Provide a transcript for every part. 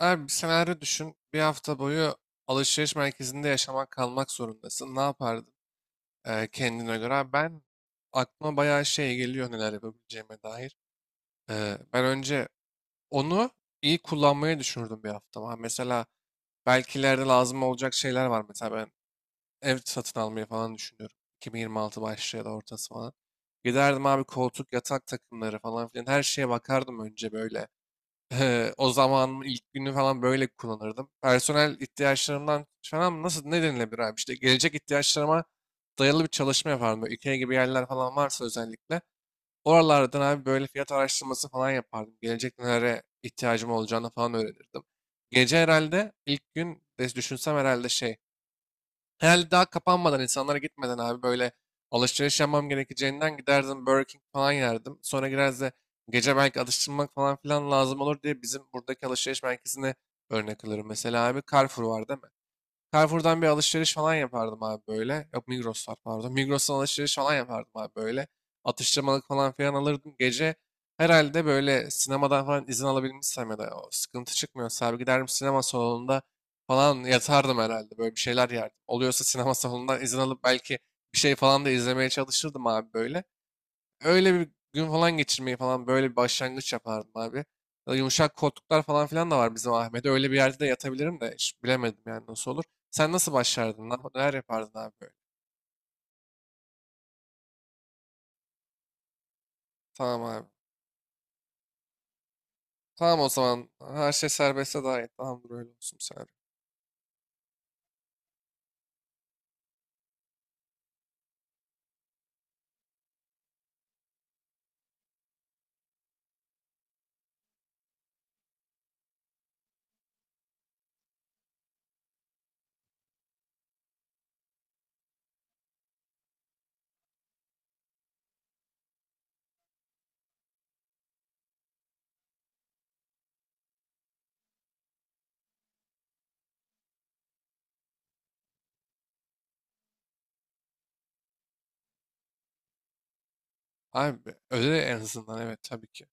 Abi bir senaryo düşün. Bir hafta boyu alışveriş merkezinde yaşamak kalmak zorundasın. Ne yapardın kendine göre? Abi, ben aklıma bayağı şey geliyor neler yapabileceğime dair. Ben önce onu iyi kullanmayı düşünürdüm bir hafta. Ha, mesela belki ileride lazım olacak şeyler var. Mesela ben ev satın almayı falan düşünüyorum. 2026 başı ya da ortası falan. Giderdim abi, koltuk, yatak takımları falan filan, her şeye bakardım önce böyle. O zaman ilk günü falan böyle kullanırdım. Personel ihtiyaçlarımdan falan, nasıl ne denilebilir abi? İşte gelecek ihtiyaçlarıma dayalı bir çalışma yapardım. Böyle IKEA gibi yerler falan varsa özellikle. Oralardan abi böyle fiyat araştırması falan yapardım. Gelecek nelere ihtiyacım olacağını falan öğrenirdim. Gece herhalde ilk gün de düşünsem herhalde şey, herhalde daha kapanmadan, insanlara gitmeden abi böyle alışveriş yapmam gerekeceğinden giderdim Burger King falan yerdim. Sonra gireriz de gece belki atıştırmak falan filan lazım olur diye bizim buradaki alışveriş merkezine örnek alırım. Mesela abi Carrefour vardı. Carrefour'dan bir alışveriş falan yapardım abi böyle. Yok Migros var, pardon. Migros'tan alışveriş falan yapardım abi böyle. Atıştırmalık falan filan alırdım. Gece herhalde böyle sinemadan falan izin alabilmişsem ya da o sıkıntı çıkmıyorsa abi giderim, sinema salonunda falan yatardım herhalde. Böyle bir şeyler yerdim. Oluyorsa sinema salonundan izin alıp belki bir şey falan da izlemeye çalışırdım abi böyle. Öyle bir gün falan geçirmeyi falan, böyle bir başlangıç yapardım abi. Ya da yumuşak koltuklar falan filan da var bizim Ahmet'e. Öyle bir yerde de yatabilirim de, hiç bilemedim yani nasıl olur. Sen nasıl başlardın? Neler yapardın abi böyle? Tamam abi. Tamam, o zaman her şey serbestse daha iyi. Tamam, böyle olsun sen. Abi öyle en azından, evet tabii ki.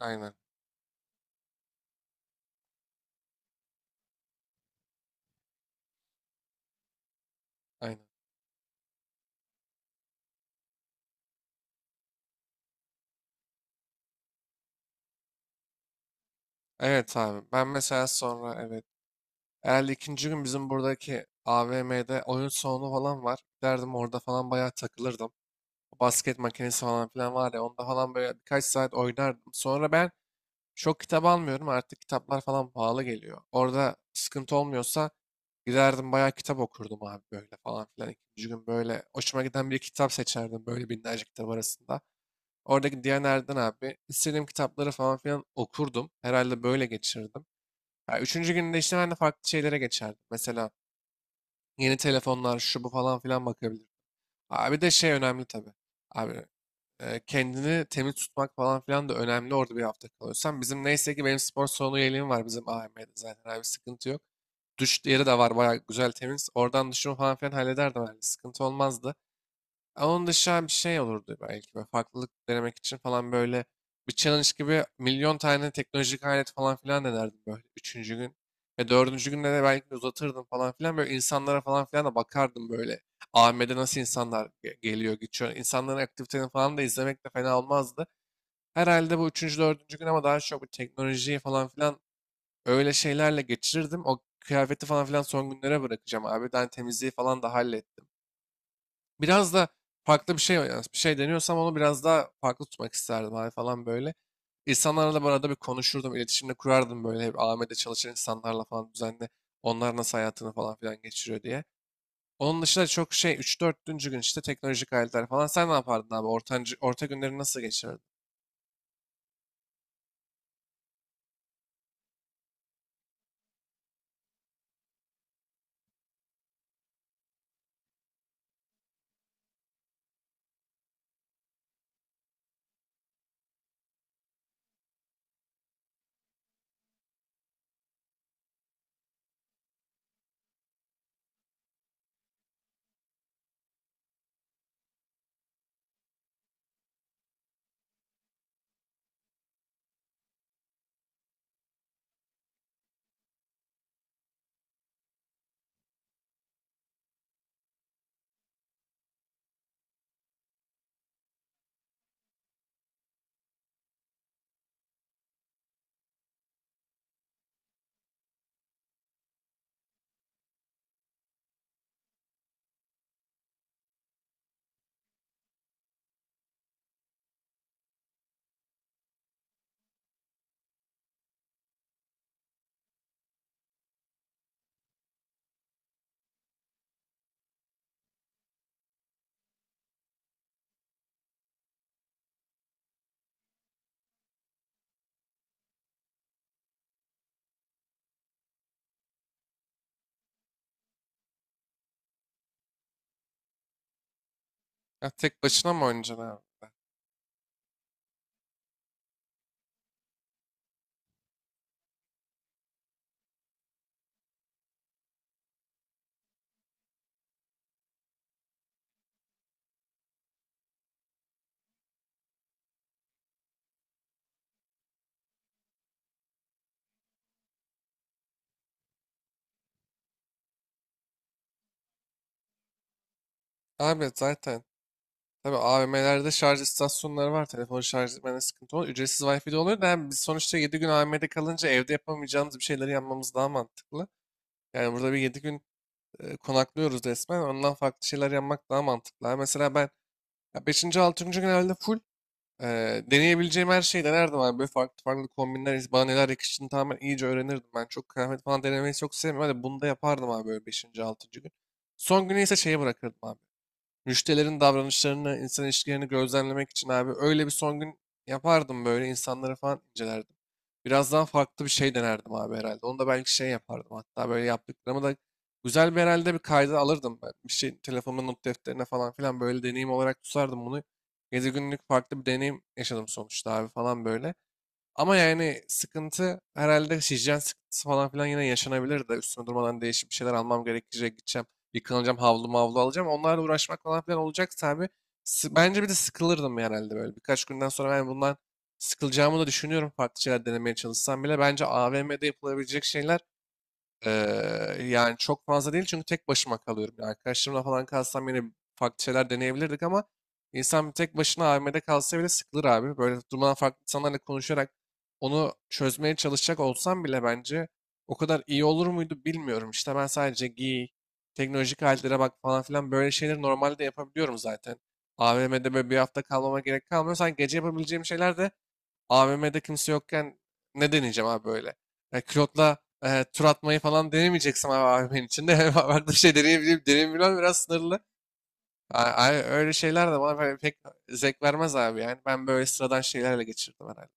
Aynen, aynen. Evet abi, ben mesela sonra, evet. Herhalde ikinci gün bizim buradaki AVM'de oyun salonu falan var. Giderdim orada falan bayağı takılırdım. Basket makinesi falan filan var ya, onda falan böyle birkaç saat oynardım. Sonra ben çok kitap almıyorum artık, kitaplar falan pahalı geliyor. Orada sıkıntı olmuyorsa giderdim bayağı kitap okurdum abi böyle falan filan. İkinci gün böyle hoşuma giden bir kitap seçerdim böyle binlerce kitap arasında. Oradaki Diyaner'den abi istediğim kitapları falan filan okurdum. Herhalde böyle geçirdim. Ya üçüncü günde işte ben de farklı şeylere geçerdim. Mesela yeni telefonlar, şu bu falan filan bakabilirim. Abi de şey önemli tabii. Abi kendini temiz tutmak falan filan da önemli orada bir hafta kalıyorsan. Bizim neyse ki benim spor salonu üyeliğim var bizim AVM'de zaten, abi sıkıntı yok. Duş yeri de var bayağı güzel, temiz. Oradan duşumu falan filan hallederdim herhalde. Sıkıntı olmazdı. Onun dışında bir şey olurdu belki. Böyle farklılık denemek için falan, böyle bir challenge gibi milyon tane teknolojik alet falan filan denerdim böyle üçüncü gün. Ve dördüncü günde de belki de uzatırdım falan filan. Böyle insanlara falan filan da bakardım böyle. AVM'de nasıl insanlar geliyor, geçiyor. İnsanların aktivitelerini falan da izlemek de fena olmazdı. Herhalde bu üçüncü, dördüncü gün, ama daha çok bu teknolojiyi falan filan, öyle şeylerle geçirirdim. O kıyafeti falan filan son günlere bırakacağım abi. Ben temizliği falan da hallettim, biraz da farklı bir şey deniyorsam onu biraz daha farklı tutmak isterdim abi falan böyle. İnsanlarla da bu arada bir konuşurdum, iletişimde kurardım böyle, hep AMD'de çalışan insanlarla falan düzenli. Onlar nasıl hayatını falan filan geçiriyor diye. Onun dışında çok şey, 3 4 gün işte teknolojik aletler falan. Sen ne yapardın abi? Ortancı, orta günleri nasıl geçirirdin? Ya tek başına mı oynayacaksın abi? Abi zaten, tabii AVM'lerde şarj istasyonları var. Telefonu şarj etmene sıkıntı olur. Ücretsiz Wi-Fi de oluyor da, yani biz sonuçta 7 gün AVM'de kalınca evde yapamayacağımız bir şeyleri yapmamız daha mantıklı. Yani burada bir 7 gün konaklıyoruz resmen. Ondan farklı şeyler yapmak daha mantıklı. Ha, mesela ben beşinci, altıncı gün herhalde full deneyebileceğim her şeyi denerdim abi. Böyle farklı farklı kombinler, bana neler yakıştığını tamamen iyice öğrenirdim. Ben çok kıyafet falan denemeyi çok sevmiyorum. Hadi bunu da yapardım abi böyle beşinci, altıncı gün. Son günü ise şeye bırakırdım abi. Müşterilerin davranışlarını, insan ilişkilerini gözlemlemek için abi, öyle bir son gün yapardım, böyle insanları falan incelerdim. Biraz daha farklı bir şey denerdim abi herhalde. Onu da belki şey yapardım, hatta böyle yaptıklarımı da güzel bir, herhalde bir kayda alırdım ben. Bir şey, telefonumun not defterine falan filan böyle deneyim olarak tutardım bunu. Gezi günlük farklı bir deneyim yaşadım sonuçta abi falan böyle. Ama yani sıkıntı, herhalde hijyen sıkıntısı falan filan yine yaşanabilir de, üstüne durmadan değişik bir şeyler almam gerekecek, gideceğim. Yıkanacağım, havlu mavlu alacağım. Onlarla uğraşmak falan filan olacak tabii. Bence bir de sıkılırdım herhalde böyle. Birkaç günden sonra ben bundan sıkılacağımı da düşünüyorum. Farklı şeyler denemeye çalışsam bile. Bence AVM'de yapılabilecek şeyler yani çok fazla değil, çünkü tek başıma kalıyorum. Yani arkadaşlarımla falan kalsam yine farklı şeyler deneyebilirdik, ama insan bir tek başına AVM'de kalsa bile sıkılır abi. Böyle durmadan farklı insanlarla konuşarak onu çözmeye çalışacak olsam bile, bence o kadar iyi olur muydu bilmiyorum. İşte ben sadece giy, teknolojik aletlere bak falan filan, böyle şeyleri normalde yapabiliyorum zaten. AVM'de böyle bir hafta kalmama gerek kalmıyor. Sanki gece yapabileceğim şeyler de AVM'de kimse yokken, ne deneyeceğim abi böyle? Yani külotla tur atmayı falan denemeyeceksin abi AVM'nin içinde. Farklı bir şey deneyebilirim. Deneyebilirim, biraz sınırlı. Öyle şeyler de bana böyle pek zevk vermez abi yani. Ben böyle sıradan şeylerle geçirdim herhalde.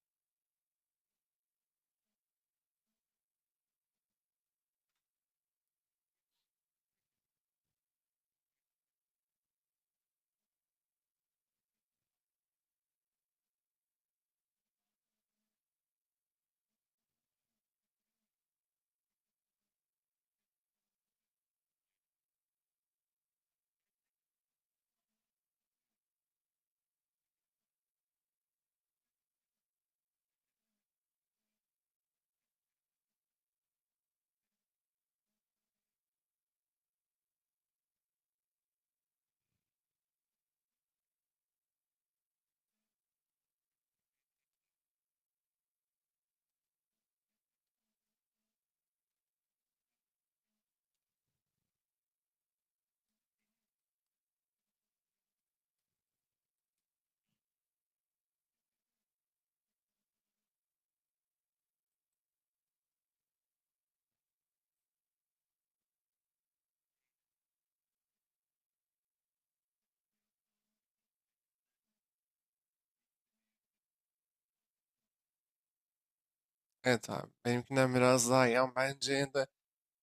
Evet abi. Benimkinden biraz daha iyi, ama bence yine de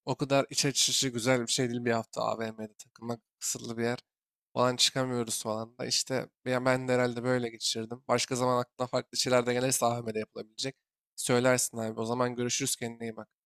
o kadar iç açıcı, güzel bir şey değil bir hafta AVM'de takılmak, kısıtlı bir yer. Falan çıkamıyoruz falan da. İşte ben de herhalde böyle geçirdim. Başka zaman aklına farklı şeyler de gelirse AVM'de yapılabilecek. Söylersin abi. O zaman görüşürüz, kendine iyi bak.